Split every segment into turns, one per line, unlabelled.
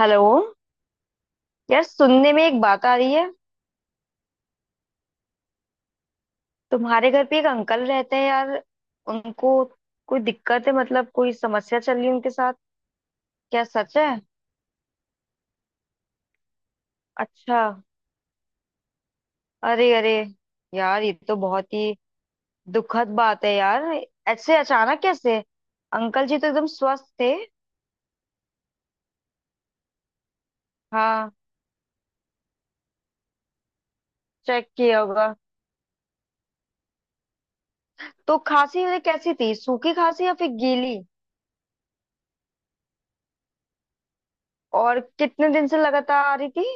Hello. यार सुनने में एक बात आ रही है। तुम्हारे घर पे एक अंकल रहते हैं यार। उनको कोई दिक्कत है, मतलब कोई समस्या चल रही है उनके साथ? क्या सच है? अच्छा। अरे अरे, यार ये तो बहुत ही दुखद बात है यार। ऐसे अचानक कैसे? अंकल जी तो एकदम स्वस्थ थे। हाँ, चेक किया होगा। तो खांसी उन्हें कैसी थी, सूखी खांसी या फिर गीली? और कितने दिन से लगातार आ रही थी?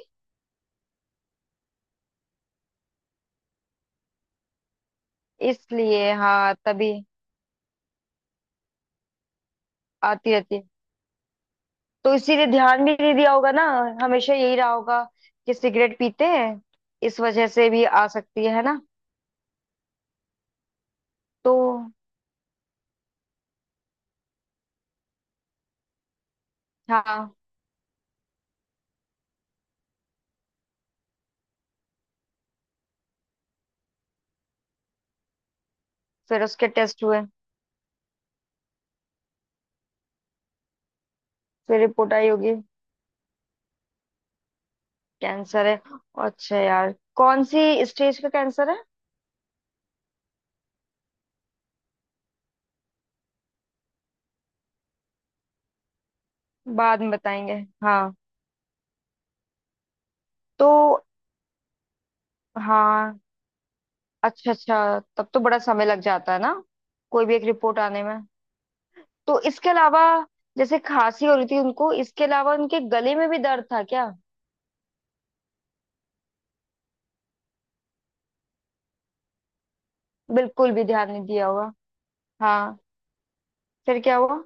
इसलिए हाँ, तभी आती रहती है। तो इसीलिए ध्यान भी नहीं दिया होगा ना। हमेशा यही रहा होगा कि सिगरेट पीते हैं, इस वजह से भी आ सकती है ना? तो हाँ, फिर उसके टेस्ट हुए। फिर रिपोर्ट आई होगी, कैंसर है। अच्छा यार, कौन सी स्टेज का कैंसर है? बाद में बताएंगे। हाँ। तो हाँ, अच्छा अच्छा, तब तो बड़ा समय लग जाता है ना, कोई भी एक रिपोर्ट आने में। तो इसके अलावा, जैसे खांसी हो रही थी उनको, इसके अलावा उनके गले में भी दर्द था क्या? बिल्कुल भी ध्यान नहीं दिया होगा। हाँ, फिर क्या हुआ?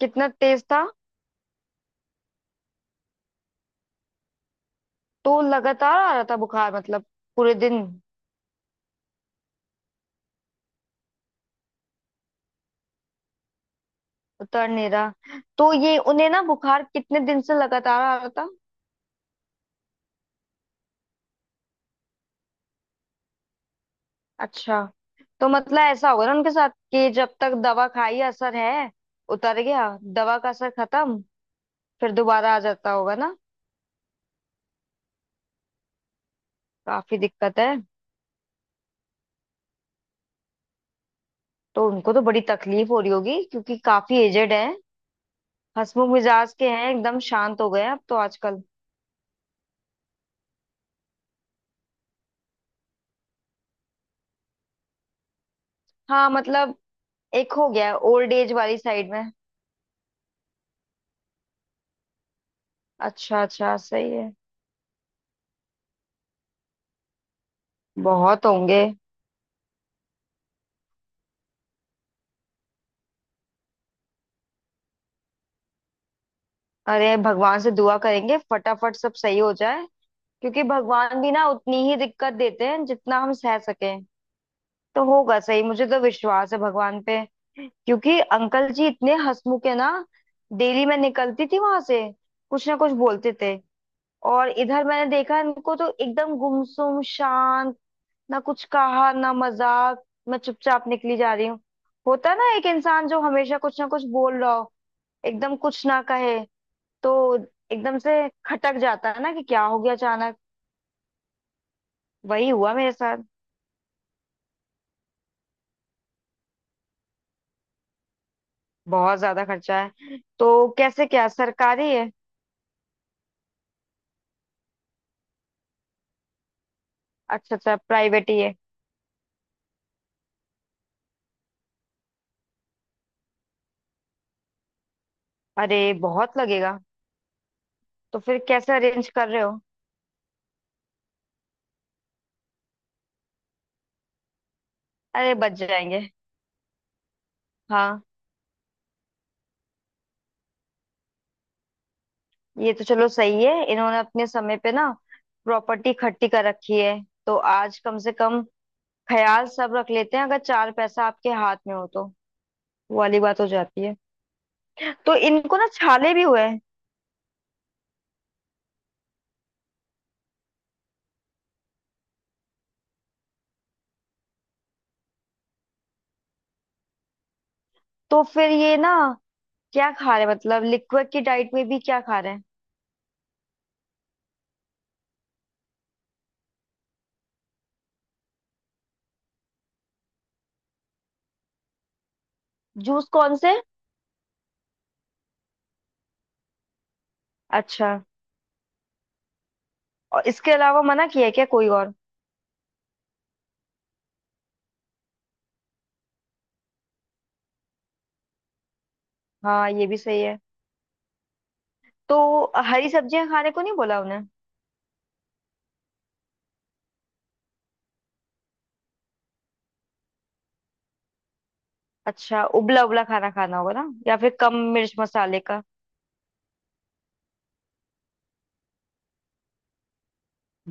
कितना तेज था? तो लगातार आ रहा था बुखार, मतलब पूरे दिन? उतर नहीं रहा, तो ये उन्हें ना, बुखार कितने दिन से लगातार आ रहा था? अच्छा। तो मतलब ऐसा होगा ना उनके साथ, कि जब तक दवा खाई असर है, उतर गया दवा का असर खत्म, फिर दोबारा आ जाता होगा ना। काफी दिक्कत है। तो उनको तो बड़ी तकलीफ हो रही होगी, क्योंकि काफी एजेड है। हंसमुख मिजाज के हैं, एकदम शांत हो गए हैं अब तो आजकल। हाँ मतलब, एक हो गया ओल्ड एज वाली साइड में। अच्छा अच्छा, सही है। बहुत होंगे। अरे भगवान से दुआ करेंगे, फटाफट सब सही हो जाए। क्योंकि भगवान भी ना उतनी ही दिक्कत देते हैं जितना हम सह सकें। तो होगा सही, मुझे तो विश्वास है भगवान पे। क्योंकि अंकल जी इतने हंसमुख है ना। डेली मैं निकलती थी वहां से, कुछ ना कुछ बोलते थे। और इधर मैंने देखा इनको तो एकदम गुमसुम शांत, ना कुछ कहा ना मजाक। मैं चुपचाप निकली जा रही हूँ। होता है ना, एक इंसान जो हमेशा कुछ ना कुछ बोल रहा हो, एकदम कुछ ना कहे। तो एकदम से खटक जाता है ना, कि क्या हो गया अचानक। वही हुआ मेरे साथ। बहुत ज्यादा खर्चा है, तो कैसे, क्या सरकारी है? अच्छा अच्छा, प्राइवेट ही है। अरे बहुत लगेगा। तो फिर कैसे अरेंज कर रहे हो? अरे बच जाएंगे। हाँ ये तो चलो सही है, इन्होंने अपने समय पे ना प्रॉपर्टी इकट्ठी कर रखी है। तो आज कम से कम ख्याल सब रख लेते हैं, अगर चार पैसा आपके हाथ में हो तो वो वाली बात हो जाती है। तो इनको ना छाले भी हुए। तो फिर ये ना, क्या खा रहे हैं? मतलब लिक्विड की डाइट में भी क्या खा रहे हैं? जूस कौन से? अच्छा। और इसके अलावा मना किया है क्या कोई और? हाँ ये भी सही है। तो हरी सब्जियां खाने को नहीं बोला उन्हें? अच्छा, उबला उबला खाना खाना होगा ना, या फिर कम मिर्च मसाले का?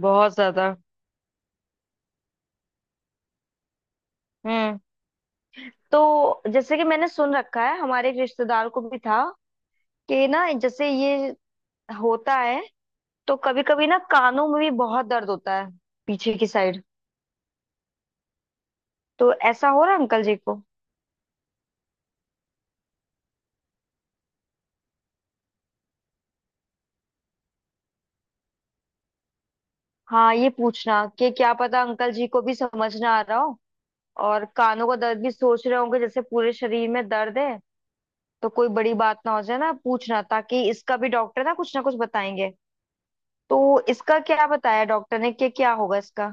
बहुत ज्यादा। हम्म। तो जैसे कि मैंने सुन रखा है, हमारे एक रिश्तेदार को भी था, कि ना जैसे ये होता है, तो कभी कभी ना कानों में भी बहुत दर्द होता है, पीछे की साइड। तो ऐसा हो रहा है अंकल जी को? हाँ ये पूछना, कि क्या पता अंकल जी को भी समझ ना आ रहा हो, और कानों का दर्द भी सोच रहे होंगे जैसे पूरे शरीर में दर्द है। तो कोई बड़ी बात ना हो जाए ना, पूछना ताकि इसका भी डॉक्टर ना कुछ बताएंगे। तो इसका क्या बताया डॉक्टर ने, कि क्या होगा इसका?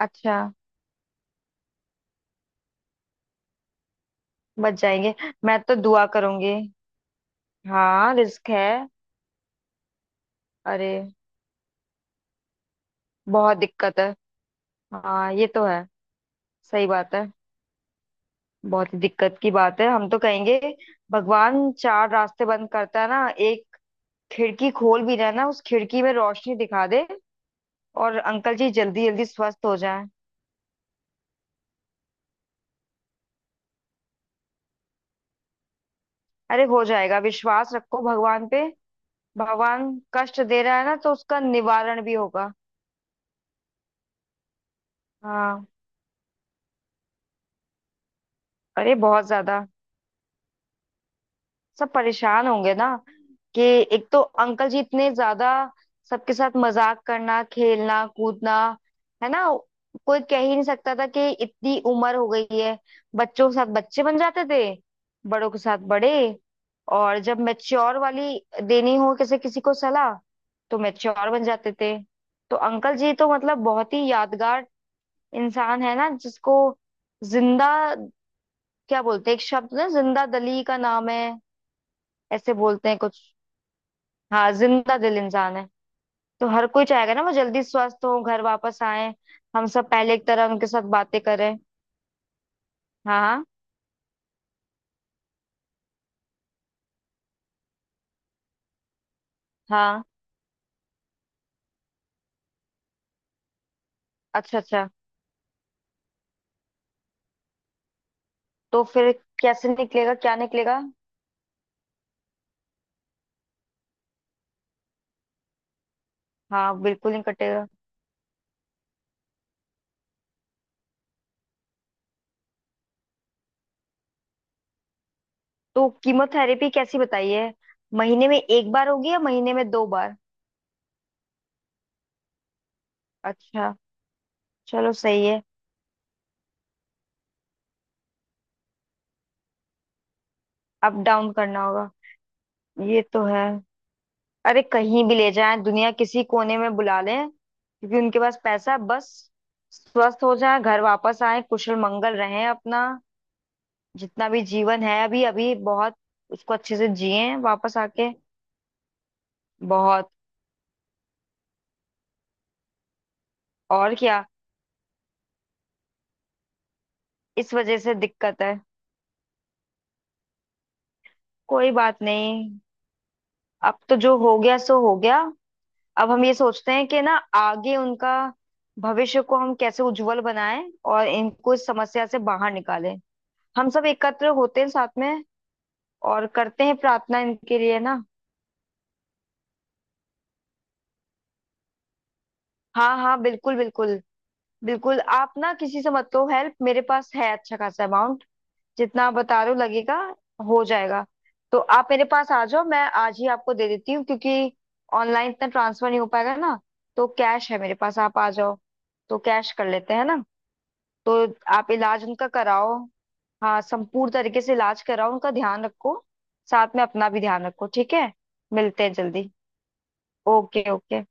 अच्छा। बच जाएंगे। मैं तो दुआ करूंगी। हाँ रिस्क है। अरे बहुत दिक्कत है। हाँ ये तो है। सही बात है। बहुत ही दिक्कत की बात है, हम तो कहेंगे भगवान चार रास्ते बंद करता है ना, एक खिड़की खोल भी रहा ना, उस खिड़की में रोशनी दिखा दे, और अंकल जी जल्दी जल्दी स्वस्थ हो जाएं। अरे हो जाएगा, विश्वास रखो भगवान पे। भगवान कष्ट दे रहा है ना, तो उसका निवारण भी होगा। हाँ। अरे बहुत ज्यादा। सब परेशान होंगे ना, कि एक तो अंकल जी इतने ज्यादा सबके साथ मजाक करना खेलना कूदना, है ना। कोई कह ही नहीं सकता था कि इतनी उम्र हो गई है। बच्चों के साथ बच्चे बन जाते थे, बड़ों के साथ बड़े। और जब मैच्योर वाली देनी हो किसी किसी को सलाह, तो मैच्योर बन जाते थे। तो अंकल जी तो मतलब बहुत ही यादगार इंसान है ना। जिसको जिंदा, क्या बोलते हैं एक शब्द ना, जिंदा दली का नाम है। ऐसे बोलते हैं कुछ। हाँ, जिंदा दिल इंसान है। तो हर कोई चाहेगा ना, वो जल्दी स्वस्थ हो, घर वापस आए, हम सब पहले एक तरह उनके साथ बातें करें। हाँ हाँ। हाँ। अच्छा अच्छा। तो फिर कैसे निकलेगा, क्या निकलेगा? हाँ बिल्कुल नहीं कटेगा। तो कीमोथेरेपी कैसी बताई है, महीने में एक बार होगी या महीने में दो बार? अच्छा, चलो सही है। अप डाउन करना होगा। ये तो है। अरे कहीं भी ले जाएं, दुनिया किसी कोने में बुला लें, क्योंकि उनके पास पैसा है, बस स्वस्थ हो जाए, घर वापस आए, कुशल मंगल रहें अपना। जितना भी जीवन है अभी, अभी बहुत उसको अच्छे से जिएं, वापस आके। बहुत। और क्या, इस वजह से दिक्कत है। कोई बात नहीं, अब तो जो हो गया सो हो गया। अब हम ये सोचते हैं कि ना, आगे उनका भविष्य को हम कैसे उज्जवल बनाएं, और इनको इस समस्या से बाहर निकालें। हम सब एकत्र होते हैं साथ में, और करते हैं प्रार्थना इनके लिए ना। हाँ हाँ, बिल्कुल बिल्कुल। बिल्कुल आप ना किसी से मत लो हेल्प, मेरे पास है अच्छा खासा अमाउंट, जितना आप बता रहे हो लगेगा। हो जाएगा। तो आप मेरे पास आ जाओ, मैं आज ही आपको दे देती हूँ। क्योंकि ऑनलाइन इतना ट्रांसफर नहीं हो पाएगा ना, तो कैश है मेरे पास, आप आ जाओ। तो कैश कर लेते हैं ना। तो आप इलाज उनका कराओ। हाँ संपूर्ण तरीके से इलाज कराओ, उनका ध्यान रखो, साथ में अपना भी ध्यान रखो। ठीक है, मिलते हैं जल्दी। Okay okay.